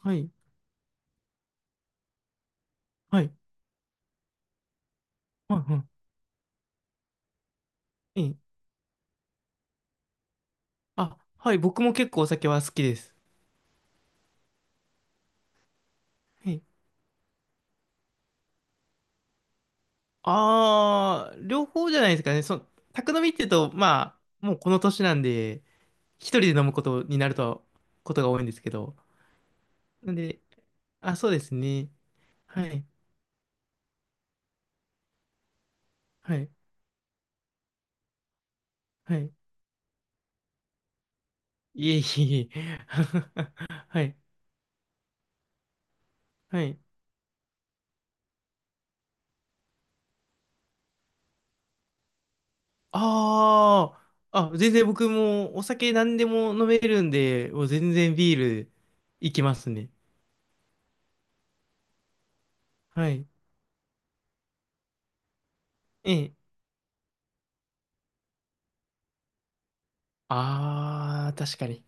はい。はい。はい。はい。ええ。あ、はい。僕も結構お酒は好きです。はい。両方じゃないですかね。宅飲みっていうと、まあ、もうこの年なんで、一人で飲むことになると、ことが多いんですけど。なんで、あ、そうですね。はい。はい。はい。いえいえいえ。はい。はい。あー。あ、全然僕もお酒何でも飲めるんで、もう全然ビールいきますね。はい。ええ。ああ、確かに。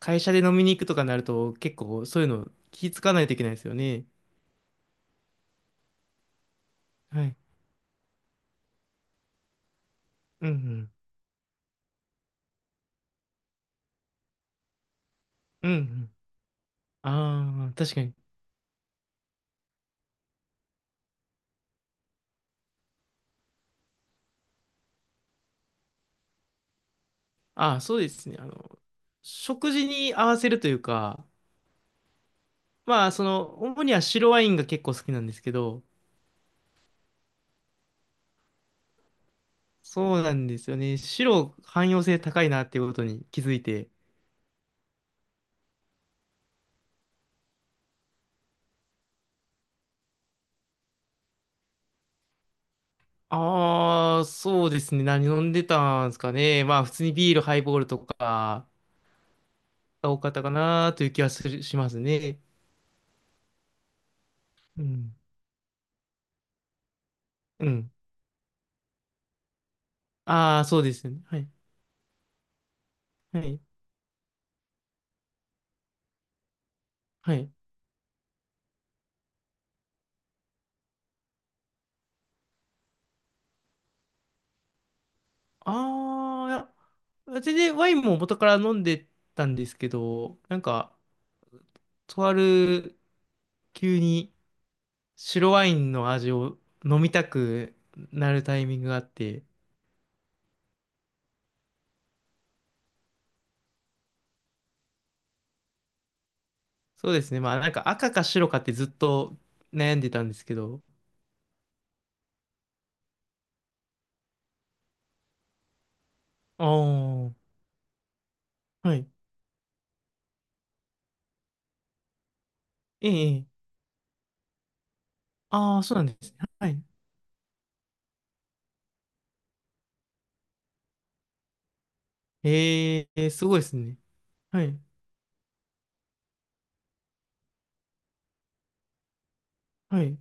会社で飲みに行くとかになると、結構そういうの気づかないといけないですよね。はい。うんうん。うんうん。ああ、確かに。ああ、そうですね。食事に合わせるというか、まあ、主には白ワインが結構好きなんですけど、そうなんですよね。白、汎用性高いなっていうことに気づいて。ああ、そうですね。何飲んでたんですかね。まあ、普通にビール、ハイボールとかが多かったかなという気はしますね。うんうん。ああ、そうですよね。はい。はい。はい。ああ、いや全然ワインも元から飲んでたんですけど、なんか、とある急に白ワインの味を飲みたくなるタイミングがあって、そうですね。まあなんか赤か白かってずっと悩んでたんですけど。ああ、はい。ええ、ええ。ああ、そうなんですね。はい。ええ、すごいですね。はい。はい。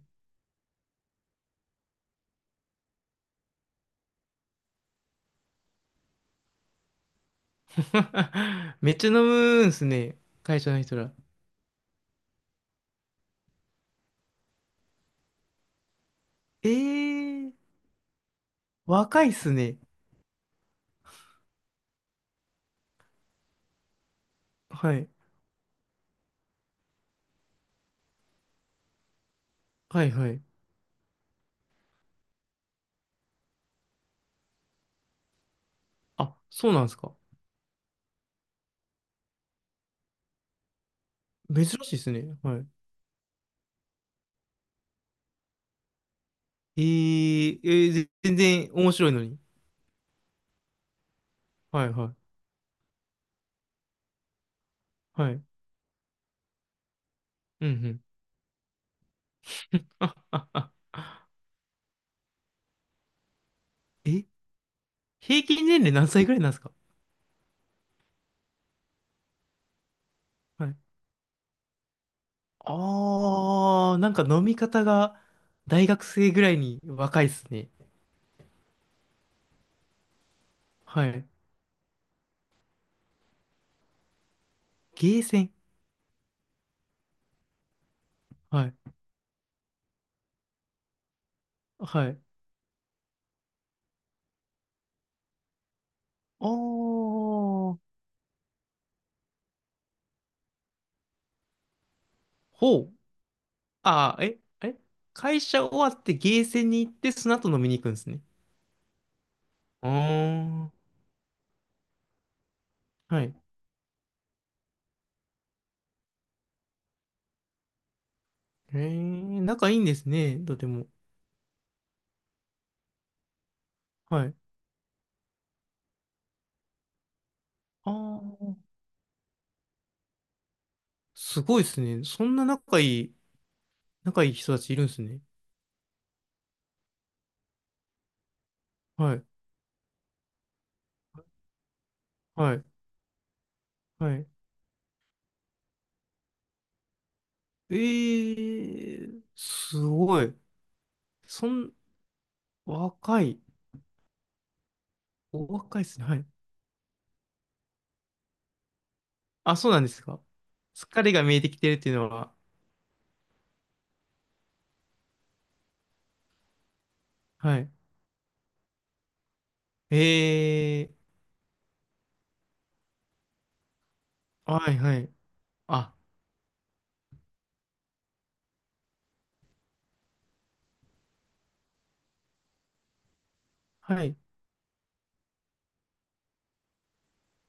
めっちゃ飲むんすね。会社の人ら。ええ。若いっすね。はい。はいはい。あ、そうなんですか？珍しいっすね。はい。えええーぜ全然面白いのに。はいはい。はい。うんうん。え、平均年齢何歳ぐらいなんですか？はい。なんか飲み方が大学生ぐらいに若いっすね。はい。ゲーセン。はい。はい。あー、ほう。あー、え、え、会社終わってゲーセンに行ってその後飲みに行くんですね。あーはい。仲いいんですね、とても。はい。ああ、すごいですね。そんな仲いい人たちいるんですね。はい、はい、はい。すごい。そん、若い。お若いですね。はい。あ、そうなんですか？疲れが見えてきてるっていうのは。はい。えはい、はい。あ、はい。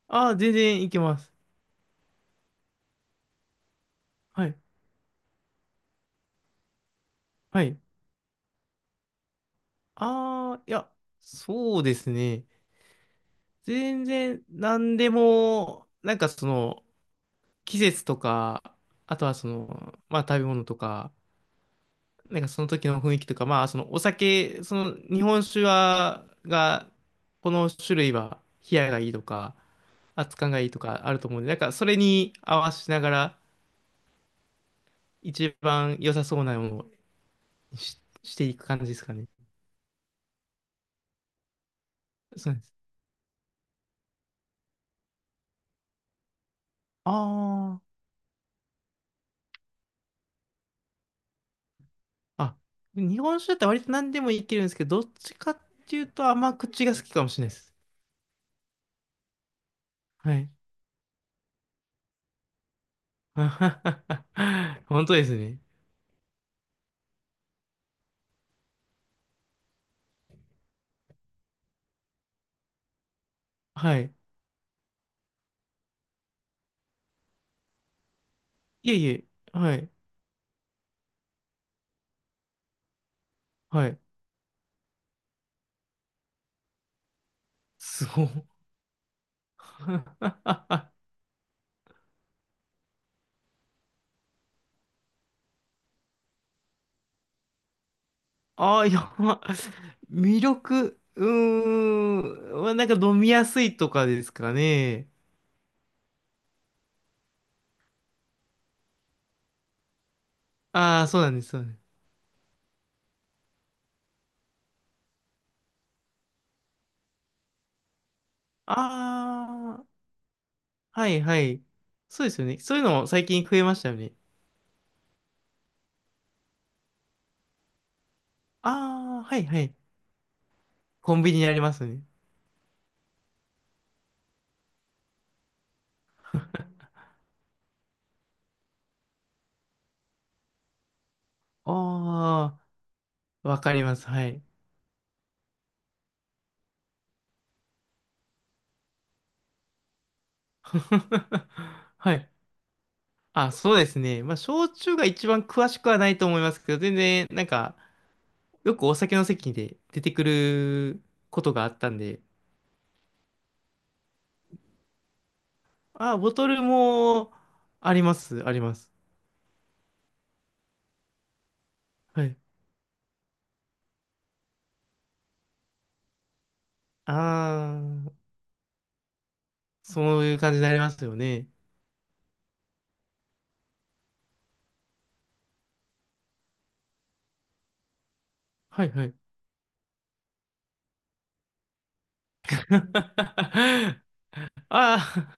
全然いけます。はい、はい。ああ、いや、そうですね。全然何でも、なんかその季節とか、あとはまあ食べ物とか、なんかその時の雰囲気とか、まあそのお酒、その日本酒この種類は冷やがいいとか、熱燗がいいとかあると思うんで、なんかそれに合わせながら一番良さそうなものをし、していく感じですかね。そうです。ああ、あ、日本酒だったら割と何でもいけるんですけど、どっちかっていうと甘口が好きかもしれないです。はい。本当ですね。はい。いえいえ。はい。はい。すごい。ああ、やば。魅力、うーん。まあなんか飲みやすいとかですかね。ああ、そうなんです。そうなんです。ああ、はいはい。そうですよね。そういうのも最近増えましたよね。ああ、はいはい。コンビニにありますね。ああ、わかります。はい。はい。あ、そうですね。まあ、焼酎が一番詳しくはないと思いますけど、全然、なんか、よくお酒の席で出てくることがあったんで、あ、ボトルもあります、あります。はい。ああ、そういう感じになりますよね。はいはい。ああ、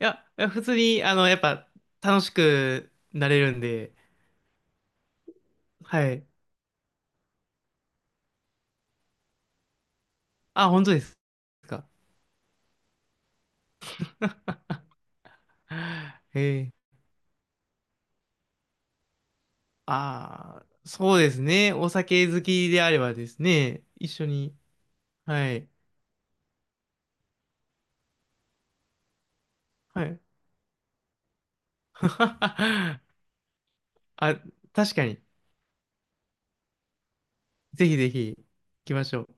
いや、いや普通に、やっぱ、楽しくなれるんで、はい。あ、本当ですか？へえ。ああ、そうですね。お酒好きであればですね、一緒に。はい。はい。あ、確かに。ぜひぜひ行きましょう。